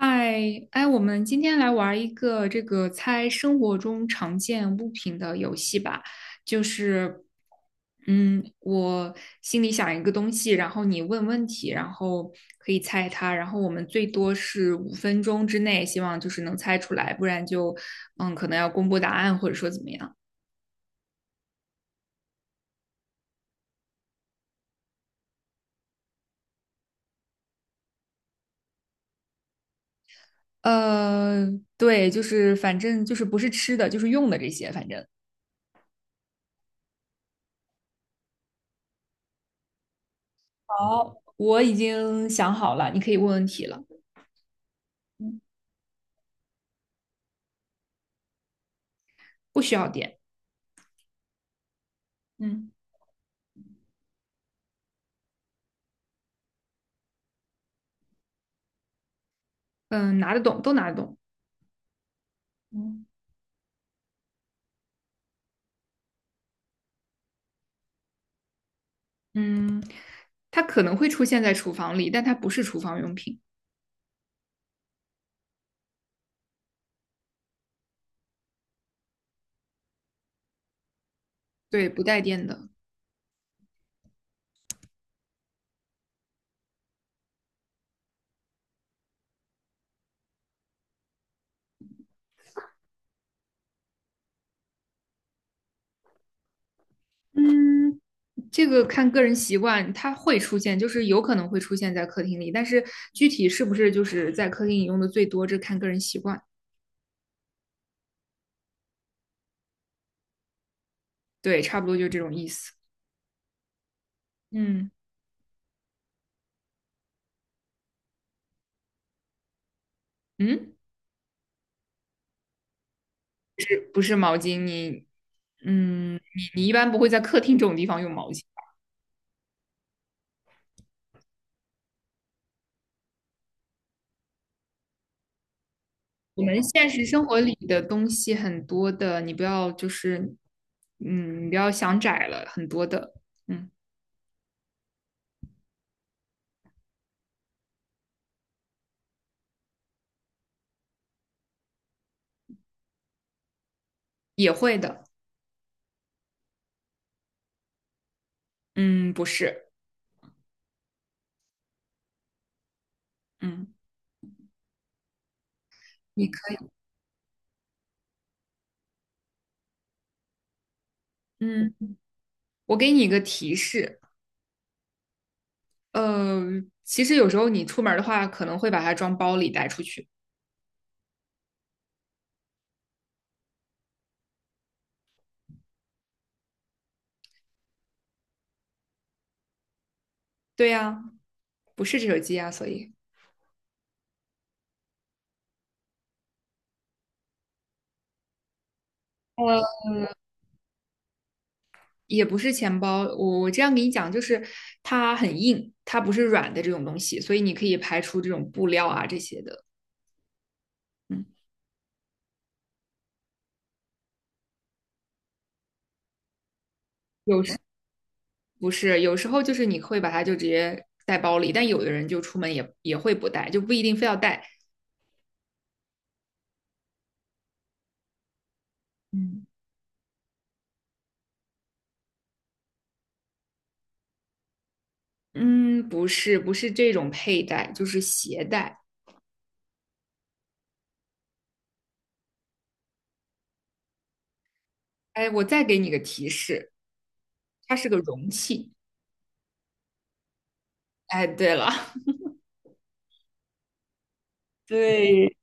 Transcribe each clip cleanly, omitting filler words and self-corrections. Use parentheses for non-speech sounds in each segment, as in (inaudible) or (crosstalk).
嗨，哎，我们今天来玩一个这个猜生活中常见物品的游戏吧。就是，我心里想一个东西，然后你问问题，然后可以猜它，然后我们最多是五分钟之内，希望就是能猜出来，不然可能要公布答案或者说怎么样。呃，对，就是反正就是不是吃的，就是用的这些，反正好，我已经想好了，你可以问问题了。不需要点。嗯，嗯，拿得动，都拿得动。嗯嗯，它可能会出现在厨房里，但它不是厨房用品，对，不带电的。嗯，这个看个人习惯，它会出现，就是有可能会出现在客厅里，但是具体是不是就是在客厅里用的最多，这看个人习惯。对，差不多就这种意思。嗯，嗯，是不是毛巾？你，嗯，你你一般不会在客厅这种地方用毛巾，我们现实生活里的东西很多的，你不要想窄了，很多的，嗯，也会的，嗯，不是，嗯，你可以，嗯，我给你一个提示，呃，其实有时候你出门儿的话，可能会把它装包里带出去，对呀，不是这手机呀，呃，也不是钱包，我这样给你讲，就是它很硬，它不是软的这种东西，所以你可以排除这种布料啊这些的，嗯，有时。不是，有时候就是你会把它就直接带包里，但有的人就出门也会不带，就不一定非要带。嗯，嗯，不是，不是这种佩戴，就是携带。哎，我再给你个提示，它是个容器。哎，对了，(laughs) 对，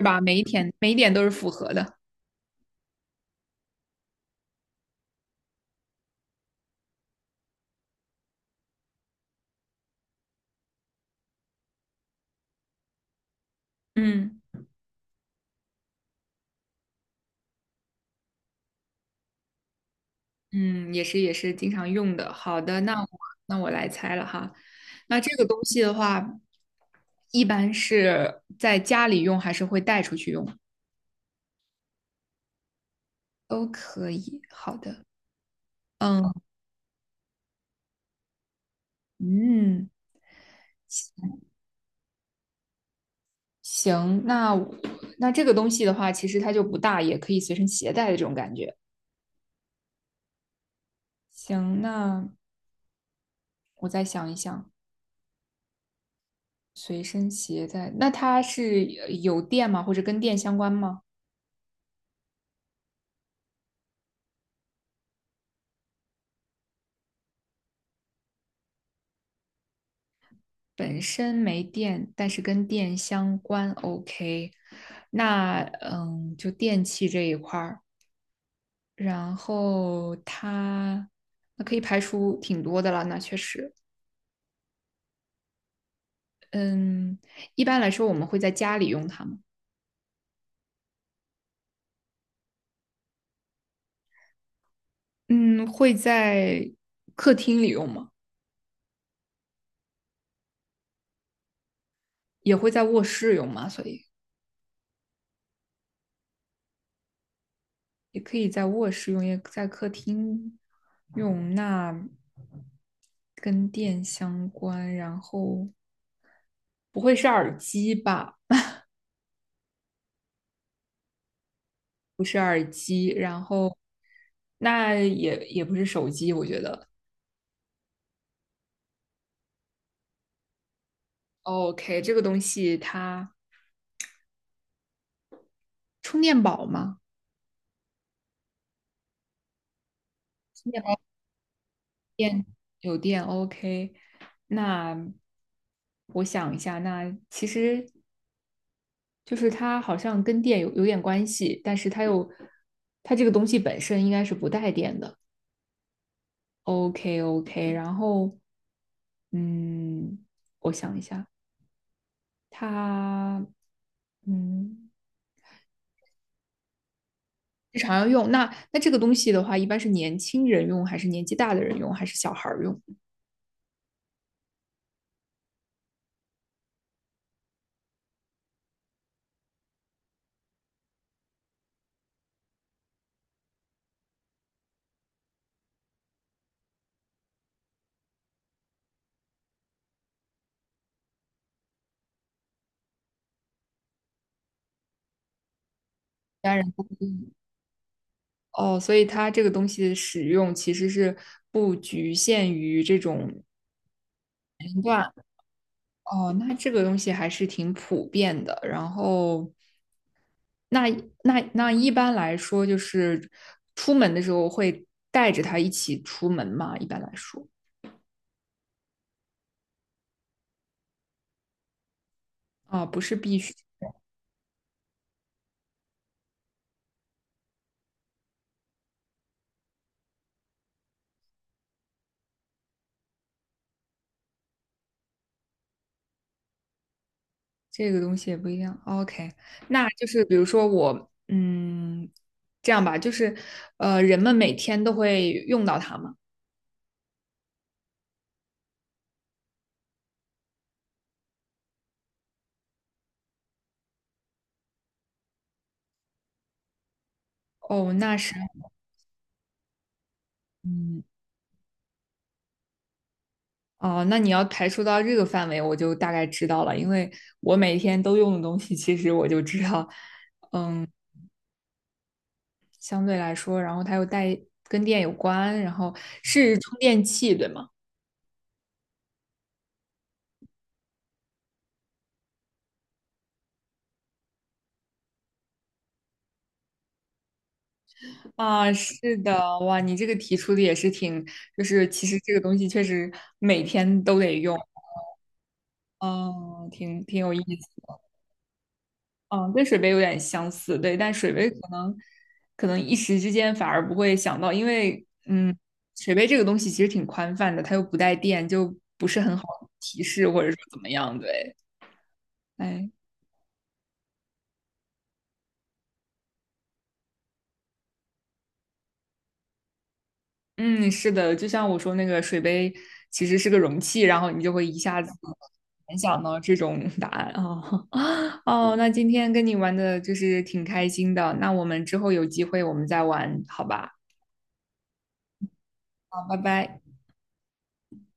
是吧？每一点每一点都是符合的。嗯，嗯，也是也是经常用的。好的，那我来猜了哈。那这个东西的话，一般是在家里用还是会带出去用？都可以。好的，嗯嗯，行，那我那这个东西的话，其实它就不大，也可以随身携带的这种感觉。行，那我再想一想，随身携带，那它是有电吗？或者跟电相关吗？本身没电，但是跟电相关，OK。那嗯，就电器这一块儿，然后它那可以排除挺多的了，那确实。嗯，一般来说我们会在家里用它吗？嗯，会在客厅里用吗？也会在卧室用吗？所以也可以在卧室用，也在客厅用。那跟电相关，然后不会是耳机吧？不是耳机，然后那也不是手机，我觉得。OK，这个东西它充电宝吗？电有电 OK，那我想一下，那其实就是它好像跟电有点关系，但是它又它这个东西本身应该是不带电的。OK OK，然后嗯，我想一下，它嗯日常要用，那这个东西的话，一般是年轻人用，还是年纪大的人用，还是小孩儿用？家人不哦，所以它这个东西的使用其实是不局限于这种哇，哦，那这个东西还是挺普遍的。然后，那那一般来说，就是出门的时候会带着它一起出门嘛？一般来说，不是必须，这个东西也不一样。OK，那就是比如说我，嗯，这样吧，就是人们每天都会用到它嘛。哦，那是，嗯，哦，那你要排除到这个范围，我就大概知道了，因为我每天都用的东西，其实我就知道。嗯。相对来说，然后它又带跟电有关，然后是充电器，对吗？啊，是的，哇，你这个提出的也是挺，就是其实这个东西确实每天都得用，哦，挺挺有意思，嗯，跟水杯有点相似，对，但水杯可能可能一时之间反而不会想到，因为嗯，水杯这个东西其实挺宽泛的，它又不带电，就不是很好提示或者说怎么样，对，哎。嗯，是的，就像我说那个水杯其实是个容器，然后你就会一下子联想到这种答案哦 (laughs) 哦，那今天跟你玩的就是挺开心的，那我们之后有机会我们再玩，好吧？好，拜拜。